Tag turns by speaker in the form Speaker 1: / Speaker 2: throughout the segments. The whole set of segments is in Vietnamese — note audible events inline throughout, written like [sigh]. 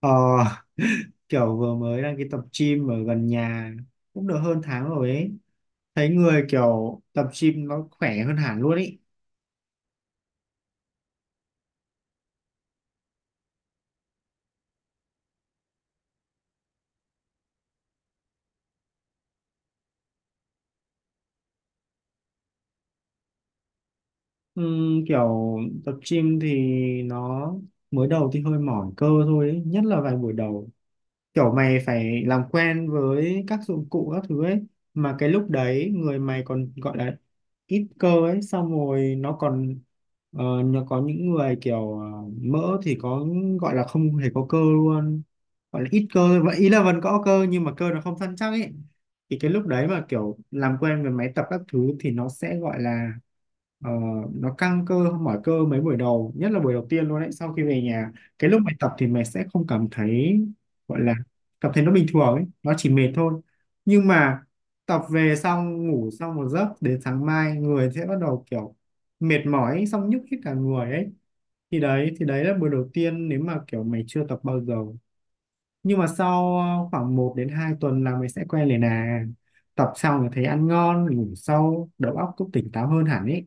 Speaker 1: Ờ, [laughs] kiểu vừa mới đăng ký tập gym ở gần nhà cũng được hơn tháng rồi ấy. Thấy người kiểu tập gym nó khỏe hơn hẳn luôn ấy. Kiểu tập gym thì nó mới đầu thì hơi mỏi cơ thôi ấy. Nhất là vài buổi đầu kiểu mày phải làm quen với các dụng cụ các thứ ấy, mà cái lúc đấy người mày còn gọi là ít cơ ấy, xong rồi nó còn nó có những người kiểu mỡ thì có, gọi là không hề có cơ luôn, gọi là ít cơ thôi. Vậy ý là vẫn có cơ nhưng mà cơ nó không săn chắc ấy, thì cái lúc đấy mà kiểu làm quen với máy tập các thứ thì nó sẽ gọi là ờ, nó căng cơ mỏi cơ mấy buổi đầu, nhất là buổi đầu tiên luôn đấy, sau khi về nhà. Cái lúc mày tập thì mày sẽ không cảm thấy, gọi là cảm thấy nó bình thường ấy, nó chỉ mệt thôi, nhưng mà tập về xong ngủ xong một giấc đến sáng mai người sẽ bắt đầu kiểu mệt mỏi ấy, xong nhức hết cả người ấy, thì đấy là buổi đầu tiên nếu mà kiểu mày chưa tập bao giờ. Nhưng mà sau khoảng một đến 2 tuần là mày sẽ quen liền à, tập xong thì thấy ăn ngon ngủ sâu đầu óc cũng tỉnh táo hơn hẳn ấy.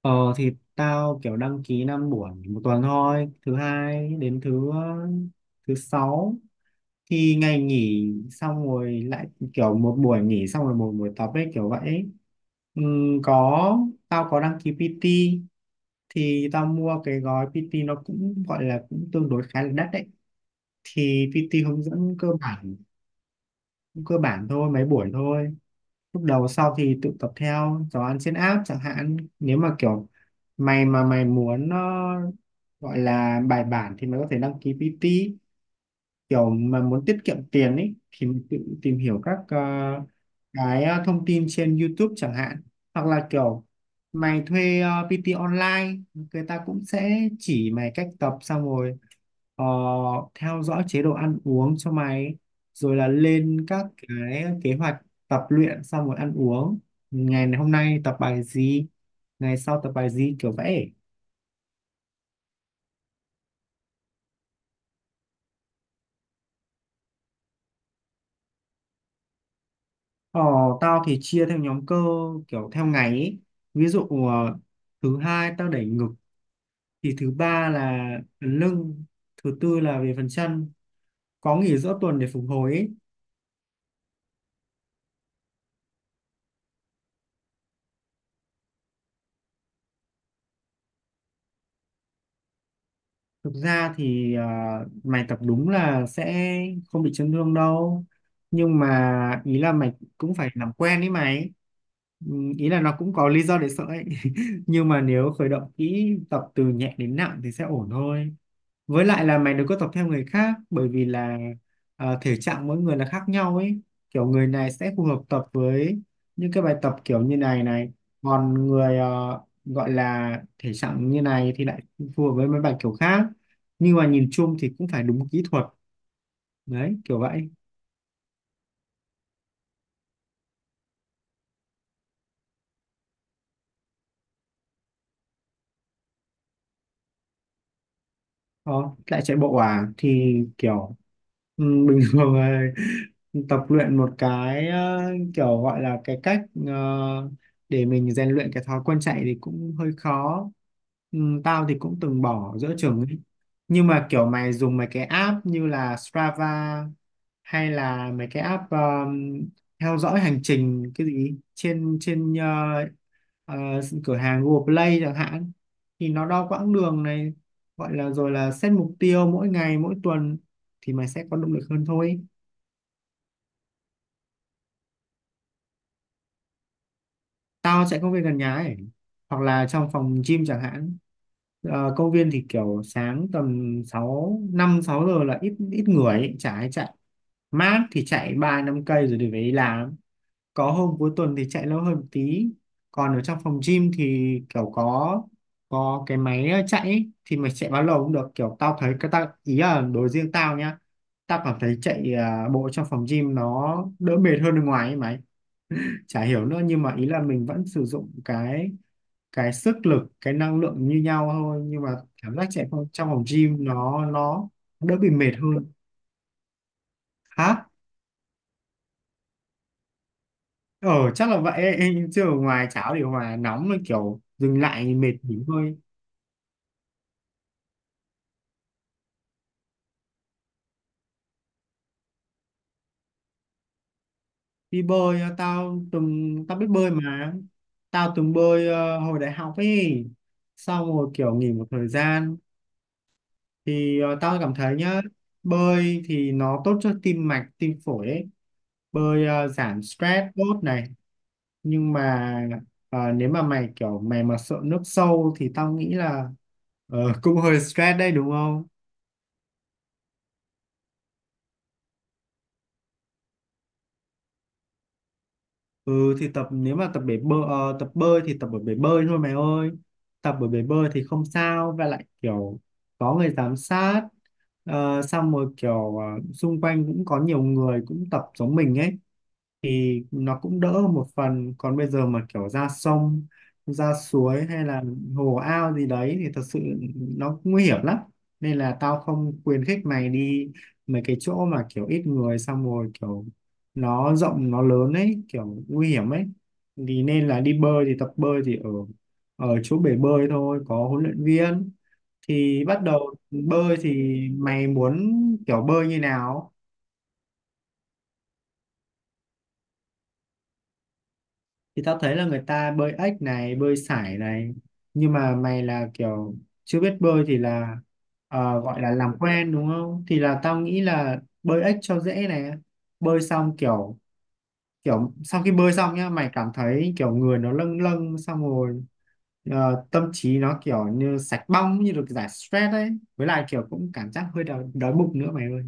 Speaker 1: Ờ thì tao kiểu đăng ký 5 buổi một tuần thôi, thứ hai đến thứ sáu. Thì ngày nghỉ xong rồi lại kiểu một buổi nghỉ xong rồi một buổi tập ấy kiểu vậy ấy. Có, tao có đăng ký PT, thì tao mua cái gói PT nó cũng gọi là cũng tương đối khá là đắt đấy. Thì PT hướng dẫn cơ bản, cơ bản thôi mấy buổi thôi lúc đầu, sau thì tự tập theo giáo án trên app chẳng hạn. Nếu mà kiểu mày mà mày muốn gọi là bài bản thì mày có thể đăng ký PT, kiểu mà muốn tiết kiệm tiền ấy thì mình tự tìm hiểu các cái thông tin trên YouTube chẳng hạn, hoặc là kiểu mày thuê PT online, người ta cũng sẽ chỉ mày cách tập xong rồi ờ, theo dõi chế độ ăn uống cho mày, rồi là lên các cái kế hoạch tập luyện xong rồi ăn uống, ngày hôm nay tập bài gì, ngày sau tập bài gì, kiểu vậy. Ờ, tao thì chia theo nhóm cơ kiểu theo ngày ấy. Ví dụ thứ hai tao đẩy ngực, thì thứ ba là phần lưng, thứ tư là về phần chân, có nghỉ giữa tuần để phục hồi ấy. Thực ra thì mày tập đúng là sẽ không bị chấn thương đâu, nhưng mà ý là mày cũng phải làm quen ấy mày. Ừ, ý là nó cũng có lý do để sợ ấy [laughs] nhưng mà nếu khởi động kỹ tập từ nhẹ đến nặng thì sẽ ổn thôi, với lại là mày đừng có tập theo người khác, bởi vì là thể trạng mỗi người là khác nhau ấy, kiểu người này sẽ phù hợp tập với những cái bài tập kiểu như này này, còn người gọi là thể trạng như này thì lại phù hợp với mấy bài kiểu khác, nhưng mà nhìn chung thì cũng phải đúng kỹ thuật đấy kiểu vậy. Đó, lại chạy bộ à thì kiểu bình [laughs] thường là tập luyện một cái kiểu gọi là cái cách ờ, để mình rèn luyện cái thói quen chạy thì cũng hơi khó. ừ, Tao thì cũng từng bỏ giữa chừng ấy. Nhưng mà kiểu mày dùng mấy cái app như là Strava hay là mấy cái app theo dõi hành trình cái gì trên trên ờ, ờ, cửa hàng Google Play chẳng hạn, thì nó đo quãng đường này, gọi là rồi là set mục tiêu mỗi ngày mỗi tuần thì mày sẽ có động lực hơn thôi. Tao chạy công viên gần nhà ấy, hoặc là trong phòng gym chẳng hạn. Công viên thì kiểu sáng tầm năm sáu giờ là ít ít người ấy, chả ai chạy. Mát thì chạy 3 5 cây rồi đi về đi làm, có hôm cuối tuần thì chạy lâu hơn một tí. Còn ở trong phòng gym thì kiểu có cái máy chạy ấy, thì mày chạy bao lâu cũng được, kiểu tao thấy cái tao ý là đối riêng tao nhá, tao cảm thấy chạy bộ trong phòng gym nó đỡ mệt hơn bên ngoài ấy mày, chả hiểu nữa, nhưng mà ý là mình vẫn sử dụng cái sức lực cái năng lượng như nhau thôi, nhưng mà cảm giác chạy trong phòng gym nó đỡ bị mệt hơn. Hả? Ờ chắc là vậy [laughs] ấy. Chứ ở ngoài cháo thì hòa nóng là kiểu dừng lại thì mệt nghỉ thôi. Đi bơi, tao biết bơi mà, tao từng bơi hồi đại học ấy, xong rồi kiểu nghỉ một thời gian. Thì tao cảm thấy nhá, bơi thì nó tốt cho tim mạch tim phổi ấy, bơi giảm stress tốt này, nhưng mà nếu mà mày kiểu mày mà sợ nước sâu thì tao nghĩ là [laughs] cũng hơi stress đấy đúng không. Ừ thì tập, nếu mà tập bơi thì tập ở bể bơi thôi mày ơi. Tập ở bể bơi thì không sao, và lại kiểu có người giám sát. Xong rồi kiểu xung quanh cũng có nhiều người cũng tập giống mình ấy, thì nó cũng đỡ hơn một phần, còn bây giờ mà kiểu ra sông ra suối hay là hồ ao gì đấy thì thật sự nó nguy hiểm lắm, nên là tao không khuyến khích mày đi mấy cái chỗ mà kiểu ít người xong rồi kiểu nó rộng nó lớn ấy, kiểu nguy hiểm ấy. Thì nên là đi bơi thì tập bơi thì ở ở chỗ bể bơi thôi, có huấn luyện viên. Thì bắt đầu bơi thì mày muốn kiểu bơi như nào, thì tao thấy là người ta bơi ếch này, bơi sải này, nhưng mà mày là kiểu chưa biết bơi thì là gọi là làm quen đúng không, thì là tao nghĩ là bơi ếch cho dễ này. Bơi xong kiểu, kiểu sau khi bơi xong nhá mày cảm thấy kiểu người nó lâng lâng, xong rồi tâm trí nó kiểu như sạch bong, như được giải stress ấy, với lại kiểu cũng cảm giác hơi đói bụng nữa mày ơi.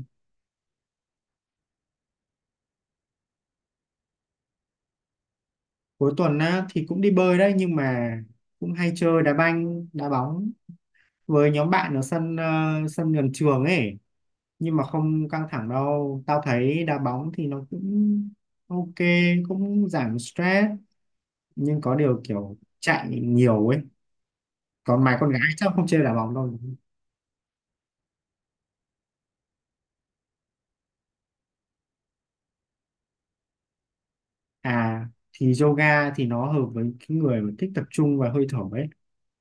Speaker 1: Cuối tuần á thì cũng đi bơi đấy, nhưng mà cũng hay chơi đá banh đá bóng với nhóm bạn ở sân gần trường ấy, nhưng mà không căng thẳng đâu, tao thấy đá bóng thì nó cũng ok, cũng giảm stress, nhưng có điều kiểu chạy nhiều ấy, còn mày con gái chắc không chơi đá bóng đâu. À, thì yoga thì nó hợp với cái người mà thích tập trung và hơi thở ấy,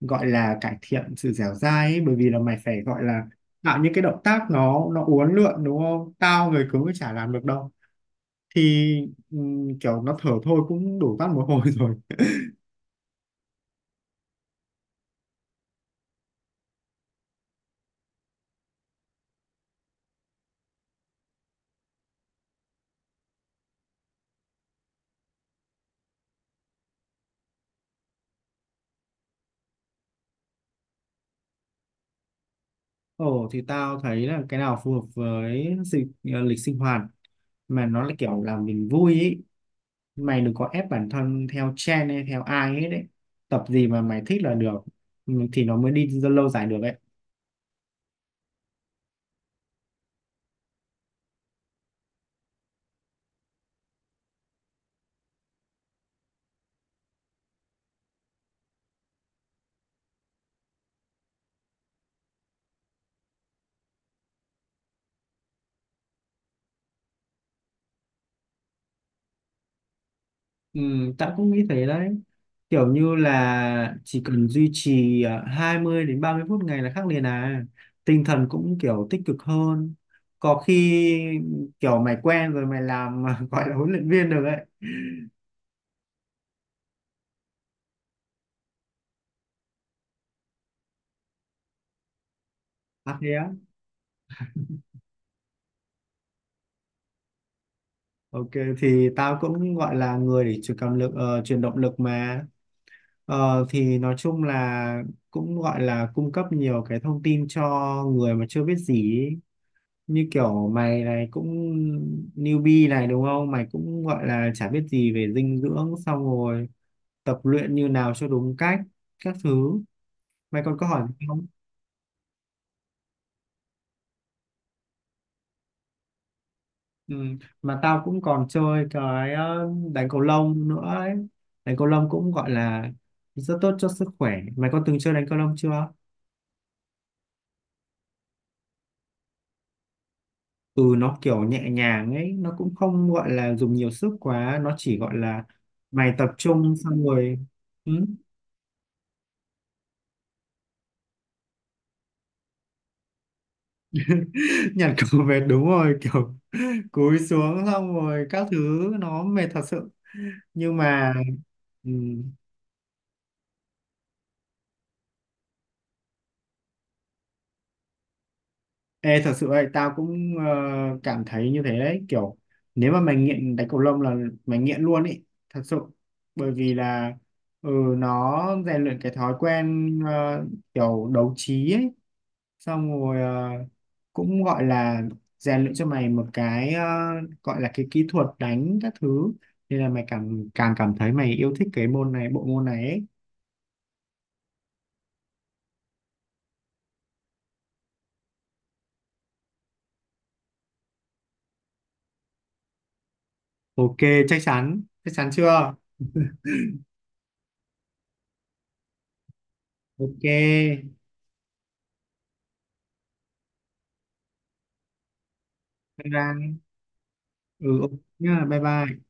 Speaker 1: gọi là cải thiện sự dẻo dai ấy, bởi vì là mày phải gọi là tạo những cái động tác nó uốn lượn đúng không, tao người cứng thì chả làm được đâu, thì kiểu nó thở thôi cũng đủ tắt một hồi [laughs] rồi. Ồ thì tao thấy là cái nào phù hợp với lịch sinh hoạt, mà nó là kiểu làm mình vui ý, mày đừng có ép bản thân theo trend hay theo ai hết đấy, tập gì mà mày thích là được, ừ, thì nó mới đi lâu dài được ấy. Ừ, tao cũng nghĩ thế đấy, kiểu như là chỉ cần duy trì 20 đến 30 phút ngày là khác liền à, tinh thần cũng kiểu tích cực hơn, có khi kiểu mày quen rồi mày làm [laughs] gọi là huấn luyện viên được ấy. À thế á. Ok, thì tao cũng gọi là người để truyền động lực mà. Thì nói chung là cũng gọi là cung cấp nhiều cái thông tin cho người mà chưa biết gì ý, như kiểu mày này cũng newbie này đúng không, mày cũng gọi là chả biết gì về dinh dưỡng xong rồi tập luyện như nào cho đúng cách các thứ. Mày còn có hỏi gì không? Ừ, mà tao cũng còn chơi cái đánh cầu lông nữa ấy, đánh cầu lông cũng gọi là rất tốt cho sức khỏe. Mày có từng chơi đánh cầu lông chưa? Ừ, nó kiểu nhẹ nhàng ấy, nó cũng không gọi là dùng nhiều sức quá, nó chỉ gọi là mày tập trung xong rồi. Ừ. [laughs] Nhặt cầu về đúng rồi, kiểu cúi xuống xong rồi các thứ nó mệt thật sự, nhưng mà ừ. Ê, thật sự ấy, tao cũng cảm thấy như thế đấy, kiểu nếu mà mày nghiện đánh cầu lông là mày nghiện luôn ý, thật sự, bởi vì là ừ, nó rèn luyện cái thói quen kiểu đấu trí ấy, xong rồi cũng gọi là rèn luyện cho mày một cái gọi là cái kỹ thuật đánh các thứ, nên là mày càng càng cảm thấy mày yêu thích cái môn này bộ môn này ấy. Ok, chắc chắn chưa? Ok, bye bye. Ừ, ok nhá, bye bye.